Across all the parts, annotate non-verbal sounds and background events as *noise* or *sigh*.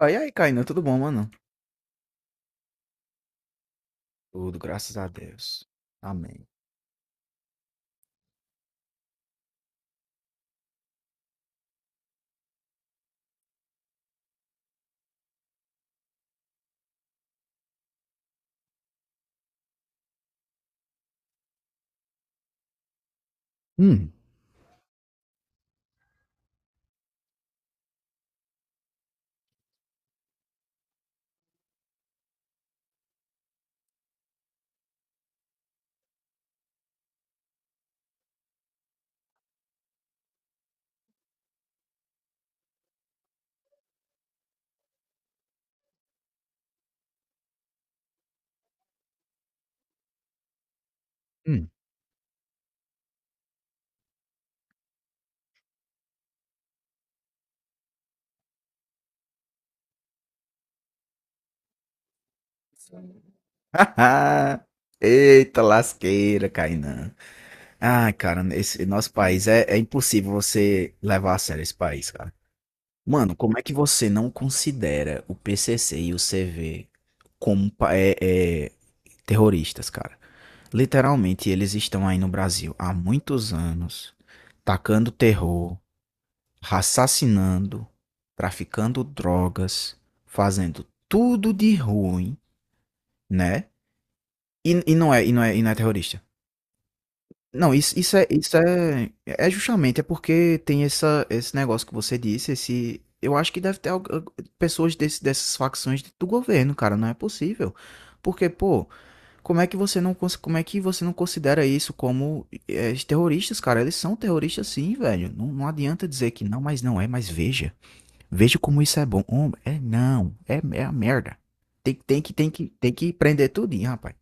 Ah, e aí, Kainan, tudo bom, mano? Tudo, graças a Deus. Amém. Hum, hum. *laughs* Eita lasqueira, Kainan. Ai, cara, esse nosso país é impossível você levar a sério esse país, cara. Mano, como é que você não considera o PCC e o CV como terroristas, cara? Literalmente, eles estão aí no Brasil há muitos anos, tacando terror, assassinando, traficando drogas, fazendo tudo de ruim, né? E não é terrorista. Não, é justamente porque tem esse negócio que você disse, esse, eu acho que deve ter pessoas dessas facções do governo, cara, não é possível. Porque, pô, como é que você não, cons- como é que você não considera isso como terroristas, cara? Eles são terroristas sim, velho. Não, não adianta dizer que não, mas não é, mas veja. Veja como isso é bom. É não, é, é a merda. Tem que prender tudinho, rapaz.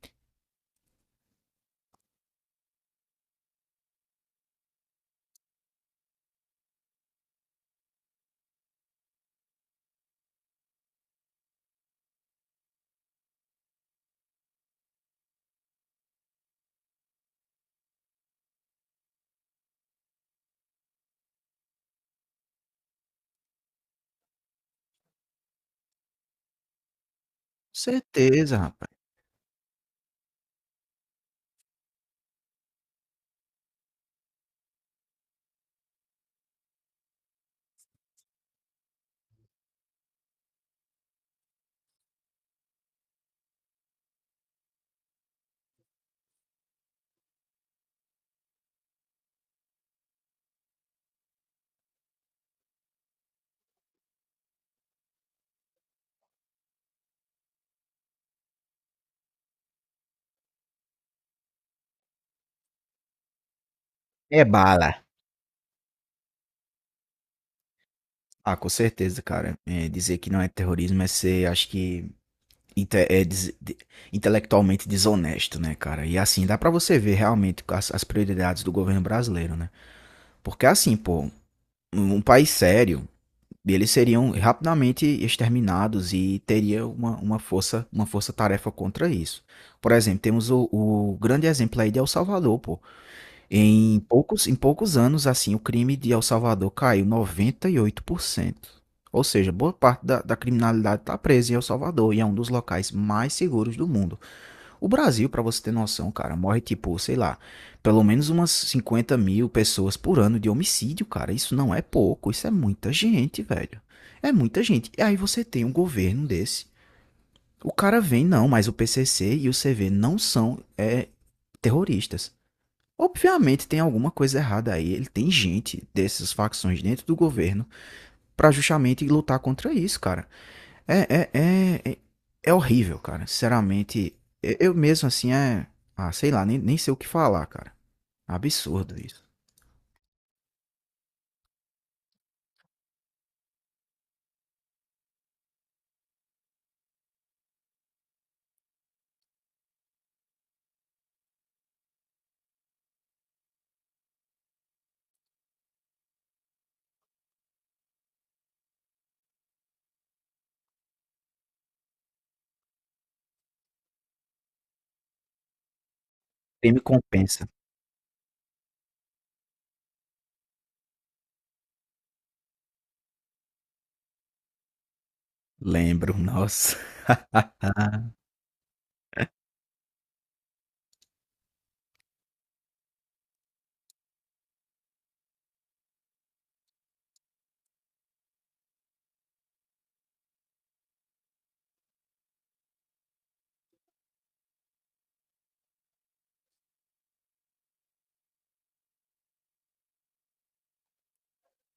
Certeza, rapaz. É bala. Ah, com certeza, cara. É, dizer que não é terrorismo é ser, acho que, inte- é des- de- intelectualmente desonesto, né, cara? E assim, dá pra você ver realmente as prioridades do governo brasileiro, né? Porque assim, pô, um país sério. E eles seriam rapidamente exterminados e teria uma força, uma força-tarefa contra isso. Por exemplo, temos o grande exemplo aí de El Salvador, pô. Em poucos anos, assim, o crime de El Salvador caiu 98%. Ou seja, boa parte da criminalidade está presa em El Salvador e é um dos locais mais seguros do mundo. O Brasil, pra você ter noção, cara, morre tipo, sei lá, pelo menos umas 50.000 pessoas por ano de homicídio, cara. Isso não é pouco, isso é muita gente, velho. É muita gente. E aí você tem um governo desse. O cara vem, não, mas o PCC e o CV não são terroristas. Obviamente tem alguma coisa errada aí. Ele tem gente dessas facções dentro do governo pra justamente lutar contra isso, cara. É, é, é, é, é horrível, cara. Sinceramente, eu mesmo assim é. Ah, sei lá, nem sei o que falar, cara. Absurdo isso. Quem me compensa. Lembro, nossa.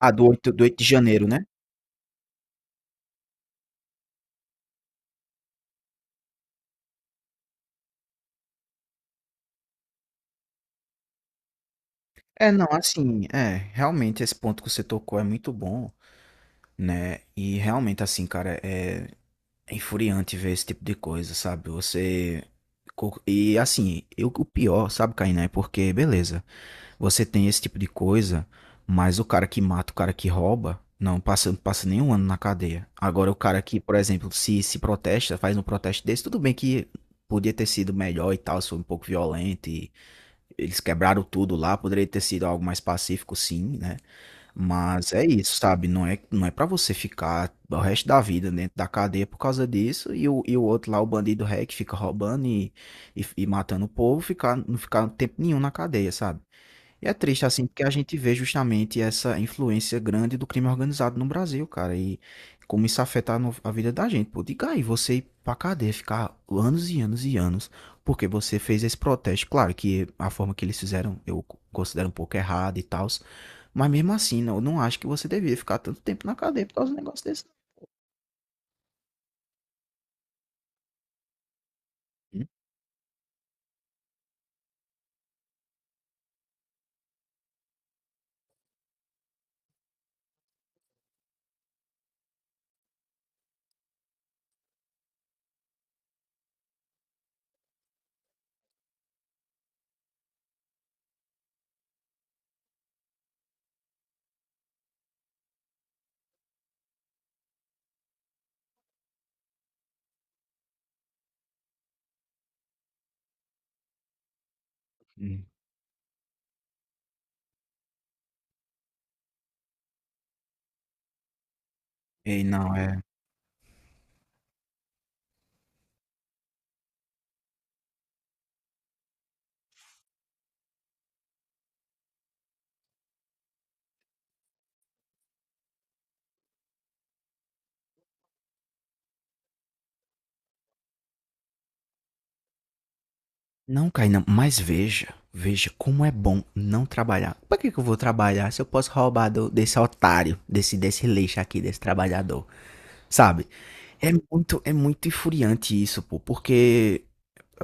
Ah, do 8 de janeiro, né? É, não, assim, é, realmente esse ponto que você tocou é muito bom, né? E realmente, assim, cara, é é infuriante ver esse tipo de coisa, sabe? Você. E assim, eu, o pior, sabe, Kainé? Porque, beleza, você tem esse tipo de coisa, mas o cara que mata, o cara que rouba, não passa nem um ano na cadeia. Agora, o cara que, por exemplo, se protesta, faz um protesto desse, tudo bem que podia ter sido melhor e tal, se foi um pouco violento e eles quebraram tudo lá, poderia ter sido algo mais pacífico, sim, né? Mas é isso, sabe? Não é para você ficar o resto da vida dentro da cadeia por causa disso e o outro lá, o bandido ré, que fica roubando e matando o povo, ficar, não ficar tempo nenhum na cadeia, sabe? E é triste, assim, porque a gente vê justamente essa influência grande do crime organizado no Brasil, cara, e como isso afeta no- a vida da gente. Pô, diga aí, você ir pra cadeia, ficar anos, porque você fez esse protesto. Claro que a forma que eles fizeram eu considero um pouco errada e tal, mas mesmo assim, eu não acho que você devia ficar tanto tempo na cadeia por causa de um negócio desse. Hum, hum. Ei, não, é. Não, Kainan, mas veja como é bom não trabalhar. Pra que que eu vou trabalhar se eu posso roubar desse desse lixo aqui, desse trabalhador, sabe? É muito infuriante isso, pô, porque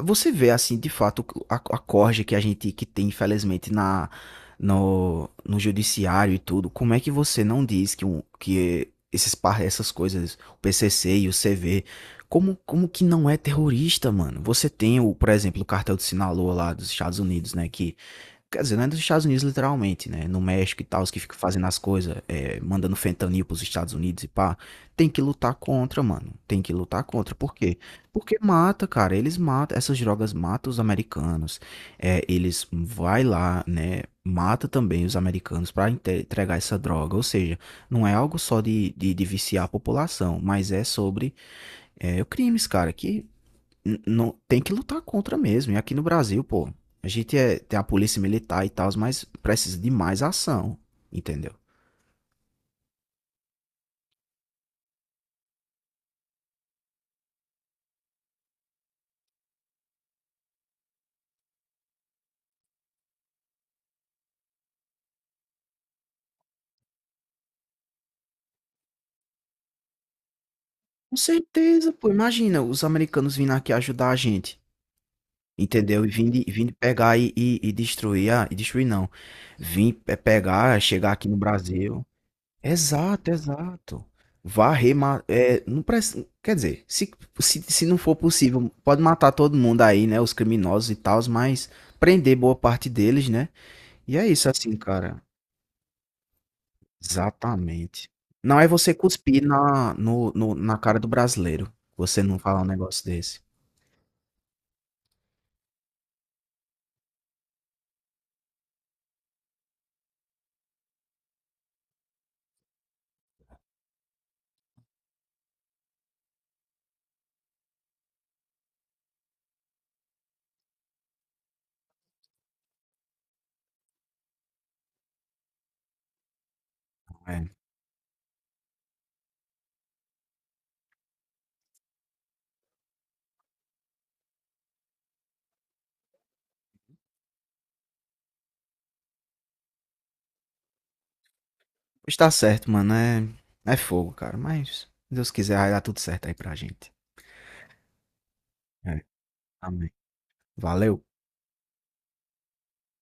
você vê, assim, de fato, a corja que a gente que tem, infelizmente, na, no, no judiciário e tudo. Como é que você não diz que, um, que essas coisas, o PCC e o CV, como que não é terrorista, mano? Você tem, o, por exemplo, o cartel de Sinaloa lá dos Estados Unidos, né? Quer dizer, não é dos Estados Unidos literalmente, né? No México e tal, os que ficam fazendo as coisas, é, mandando fentanil pros Estados Unidos e pá. Tem que lutar contra, mano. Tem que lutar contra. Por quê? Porque mata, cara. Eles matam, essas drogas matam os americanos. É, eles vai lá, né? Mata também os americanos pra entregar essa droga. Ou seja, não é algo só de, de viciar a população, mas é sobre é, crimes, cara, que não, tem que lutar contra mesmo. E aqui no Brasil, pô, a gente é, tem a polícia militar e tal, mas precisa de mais ação, entendeu? Com certeza, pô. Imagina os americanos vindo aqui ajudar a gente, entendeu? E vindo pegar e destruir, ah, e destruir não. Pegar, chegar aqui no Brasil. Exato, exato. Varrer, não precisa quer dizer, se não for possível, pode matar todo mundo aí, né? Os criminosos e tal, mas prender boa parte deles, né? E é isso assim, cara. Exatamente. Não é você cuspir na no no na cara do brasileiro, você não falar um negócio desse. É. Está certo, mano, é fogo, cara, mas se Deus quiser vai dar tudo certo aí pra gente. É, amém. Valeu.